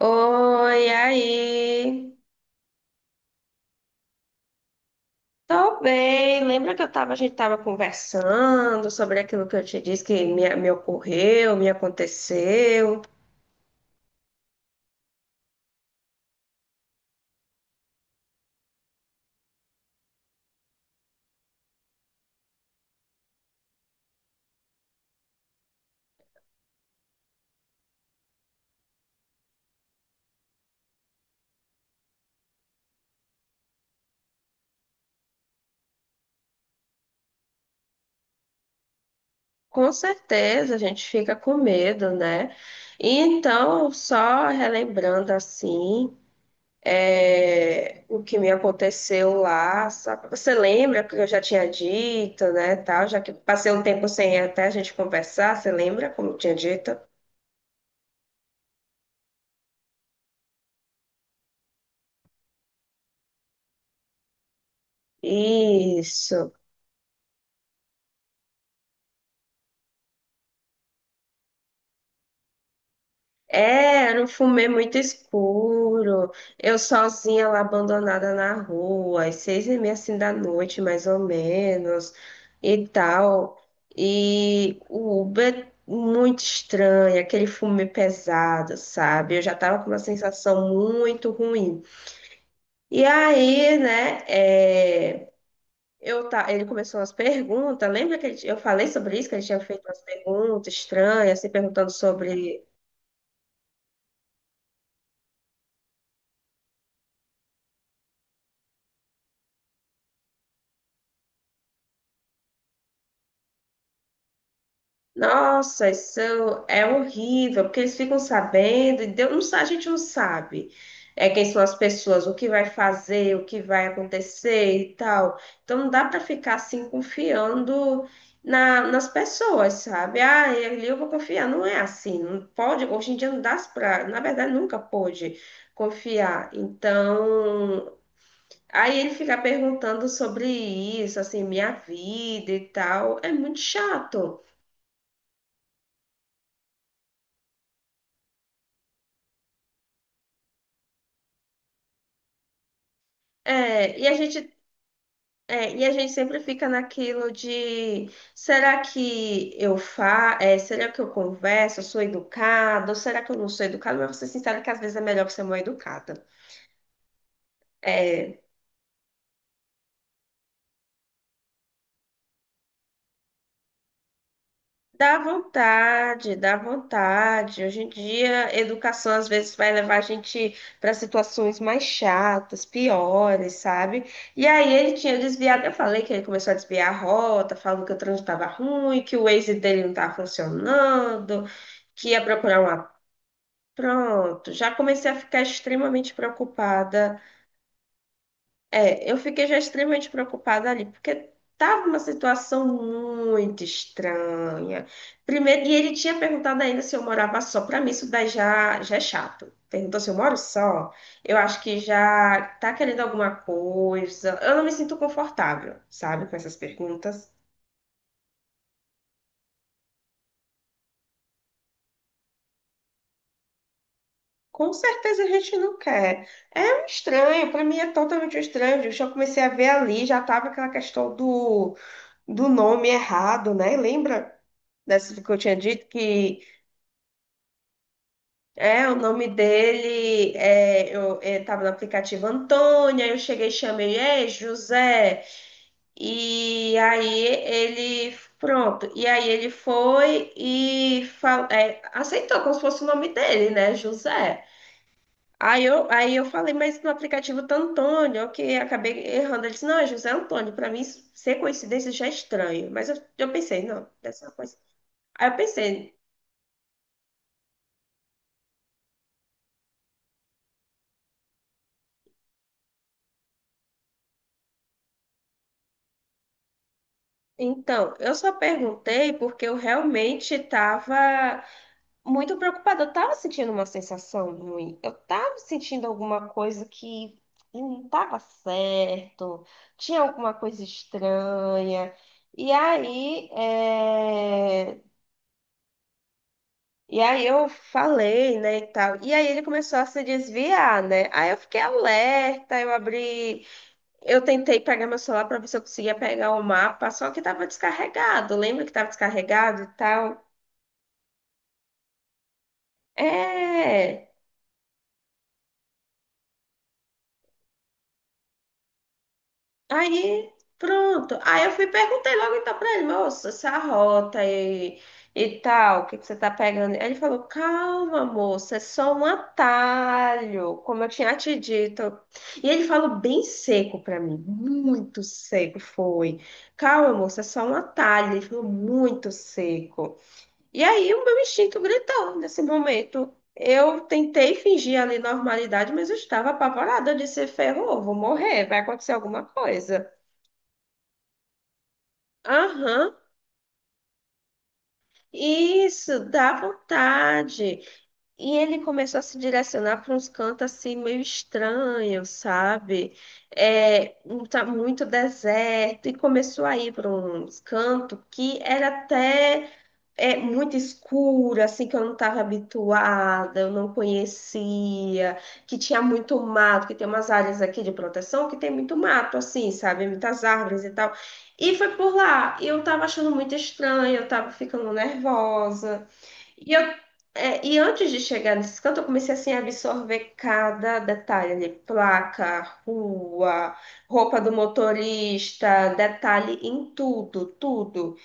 Oi, aí. Tô bem. Lembra que a gente tava conversando sobre aquilo que eu te disse que me ocorreu, me aconteceu? Com certeza, a gente fica com medo, né? E então, só relembrando assim, o que me aconteceu lá, sabe? Você lembra que eu já tinha dito, né, tal, já que passei um tempo sem até a gente conversar, você lembra como eu tinha dito? Isso. É, era um fumê muito escuro. Eu sozinha lá abandonada na rua, às 6h30 assim da noite, mais ou menos, e tal. E o Uber muito estranho, aquele fumê pesado, sabe? Eu já tava com uma sensação muito ruim. E aí, né, ele começou umas perguntas. Lembra que eu falei sobre isso, que ele tinha feito umas perguntas estranhas, se perguntando sobre. Nossa, isso é horrível, porque eles ficam sabendo, e Deus, não, a gente não sabe quem são as pessoas, o que vai fazer, o que vai acontecer e tal. Então não dá para ficar assim confiando nas pessoas, sabe? Ah, ali eu vou confiar. Não é assim, não pode, hoje em dia não dá pra, na verdade nunca pôde confiar. Então, aí ele fica perguntando sobre isso, assim, minha vida e tal. É muito chato. É, e a gente É, e a gente sempre fica naquilo de será que será que eu converso, eu sou educada, ou será que eu não sou educada? Mas vou ser sincera que às vezes é melhor você ser mal educada. É, dá vontade, dá vontade. Hoje em dia, educação às vezes vai levar a gente para situações mais chatas, piores, sabe? E aí ele tinha desviado, eu falei que ele começou a desviar a rota, falando que o trânsito estava ruim, que o Waze dele não estava funcionando, que ia procurar um. Pronto, já comecei a ficar extremamente preocupada. É, eu fiquei já extremamente preocupada ali, porque tava uma situação muito estranha. Primeiro, e ele tinha perguntado ainda se eu morava só. Para mim, isso daí já é chato. Perguntou se eu moro só. Eu acho que já tá querendo alguma coisa. Eu não me sinto confortável, sabe, com essas perguntas. Com certeza a gente não quer. É um estranho, para mim é totalmente um estranho. Eu já comecei a ver ali, já tava aquela questão do nome errado, né? Lembra dessa que eu tinha dito que é o nome dele, eu estava no aplicativo Antônia, eu cheguei e chamei, é José, e aí ele, pronto, e aí ele foi e aceitou como se fosse o nome dele, né, José. Aí eu falei, mas no aplicativo tá Antônio, eu que acabei errando. Ele disse, não, é José Antônio. Para mim, ser coincidência já é estranho. Mas eu pensei, não, dessa coisa. Aí eu pensei, Então, eu só perguntei porque eu realmente estava muito preocupada. Eu estava sentindo uma sensação ruim. Eu estava sentindo alguma coisa que não estava certo. Tinha alguma coisa estranha. E aí, é, e aí eu falei, né, e tal. E aí ele começou a se desviar, né? Aí eu fiquei alerta. Eu tentei pegar meu celular para ver se eu conseguia pegar o mapa, só que estava descarregado. Lembra que estava descarregado e tal? É. Aí, pronto. Aí eu fui e perguntei logo então para ele, moço, essa rota e tal, o que que você tá pegando? Aí ele falou, calma, moça, é só um atalho, como eu tinha te dito. E ele falou bem seco para mim, muito seco foi. Calma, moça, é só um atalho. Ele falou muito seco. E aí o meu instinto gritou nesse momento. Eu tentei fingir ali normalidade, mas eu estava apavorada de ser ferrou, vou morrer, vai acontecer alguma coisa. Aham, isso, dá vontade. E ele começou a se direcionar para uns cantos assim meio estranhos, sabe? É, um tá muito deserto, e começou a ir para uns cantos que era até é muito escura, assim, que eu não estava habituada, eu não conhecia, que tinha muito mato, que tem umas áreas aqui de proteção que tem muito mato, assim, sabe? Muitas árvores e tal. E foi por lá. E eu estava achando muito estranho, eu estava ficando nervosa. E eu e antes de chegar nesse canto, eu comecei assim a absorver cada detalhe ali, placa, rua, roupa do motorista, detalhe em tudo, tudo.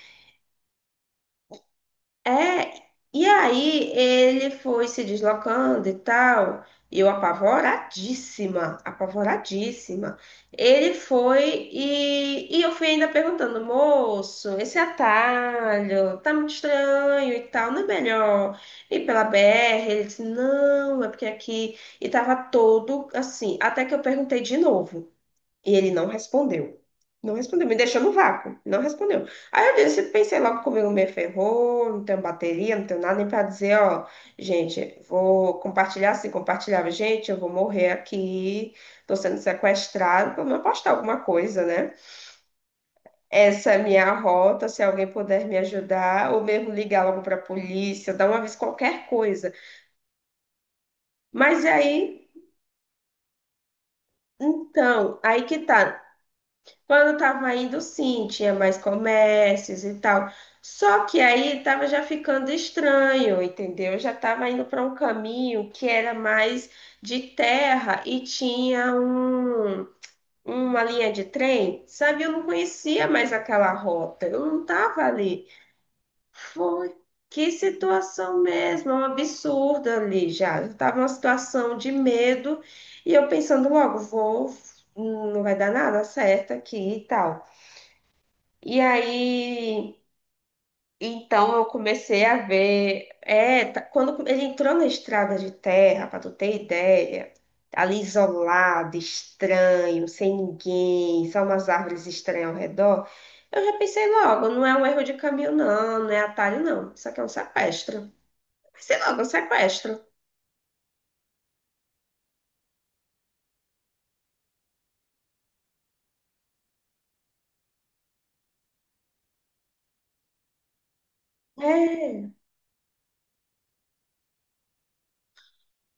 É, e aí ele foi se deslocando e tal, e eu apavoradíssima, apavoradíssima. Ele foi e eu fui ainda perguntando, moço, esse atalho tá muito estranho e tal, não é melhor ir pela BR? Ele disse, não, é porque aqui, e tava todo assim, até que eu perguntei de novo. E ele não respondeu. Não respondeu, me deixou no vácuo. Não respondeu. Aí eu disse, pensei logo comigo, me ferrou, não tenho bateria, não tenho nada nem pra dizer, ó, gente, vou compartilhar assim, compartilhava, gente, eu vou morrer aqui, tô sendo sequestrado, pelo menos postar alguma coisa, né? Essa é a minha rota, se alguém puder me ajudar, ou mesmo ligar logo pra polícia, dar uma vez qualquer coisa. Mas aí, então, aí que tá. Quando eu tava indo, sim, tinha mais comércios e tal. Só que aí tava já ficando estranho, entendeu? Eu já tava indo para um caminho que era mais de terra e tinha uma linha de trem, sabe? Eu não conhecia mais aquela rota, eu não tava ali. Foi. Que situação mesmo, é um absurdo ali já. Eu tava uma situação de medo e eu pensando logo, não vai dar nada certo aqui e tal. E aí, então eu comecei a ver. Quando ele entrou na estrada de terra, para tu ter ideia, ali isolado, estranho, sem ninguém, só umas árvores estranhas ao redor, eu já pensei logo, não é um erro de caminho, não, não é atalho, não. Isso aqui é um sequestro. Pensei logo, um sequestro. É.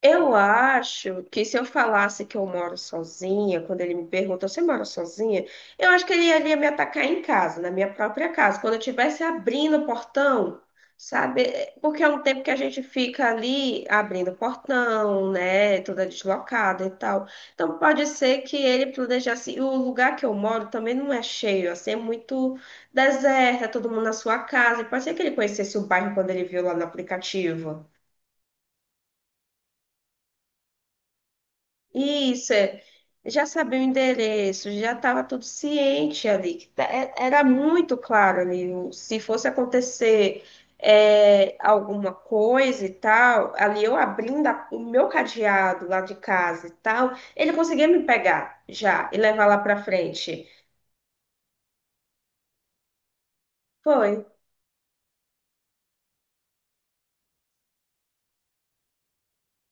Eu acho que se eu falasse que eu moro sozinha, quando ele me pergunta, você mora sozinha? Eu acho que ele ia me atacar em casa, na minha própria casa, quando eu estivesse abrindo o portão, sabe? É, porque é um tempo que a gente fica ali abrindo o portão, né? Toda deslocada e tal. Então pode ser que ele planejasse. E o lugar que eu moro também não é cheio, assim, é muito deserto, é todo mundo na sua casa. E pode ser que ele conhecesse o bairro quando ele viu lá no aplicativo. Isso, é. Já sabia o endereço, já estava tudo ciente ali. Era muito claro ali. Se fosse acontecer alguma coisa e tal, ali eu abrindo o meu cadeado lá de casa e tal, ele conseguia me pegar já e levar lá para frente. Foi,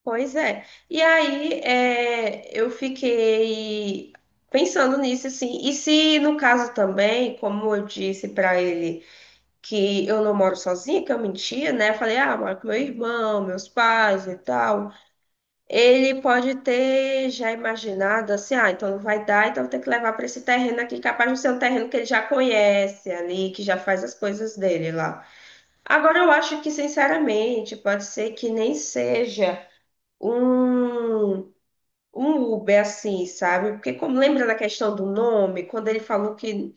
pois é. E aí eu fiquei pensando nisso assim. E se no caso também, como eu disse para ele, que eu não moro sozinha, que eu mentia, né? Falei, ah, moro com meu irmão, meus pais e tal. Ele pode ter já imaginado assim, ah, então não vai dar, então vou ter que levar para esse terreno aqui, capaz de ser um terreno que ele já conhece ali, que já faz as coisas dele lá. Agora eu acho que, sinceramente, pode ser que nem seja um um Uber assim, sabe? Porque como lembra da questão do nome, quando ele falou que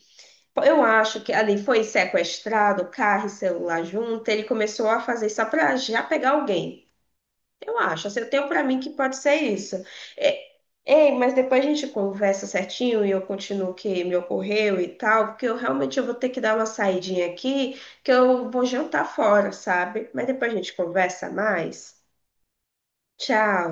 eu acho que ali foi sequestrado, carro e celular junto. Ele começou a fazer só para já pegar alguém. Eu acho, assim, eu tenho para mim que pode ser isso. É, ei, mas depois a gente conversa certinho e eu continuo o que me ocorreu e tal, porque eu realmente eu vou ter que dar uma saidinha aqui, que eu vou jantar fora, sabe? Mas depois a gente conversa mais. Tchau.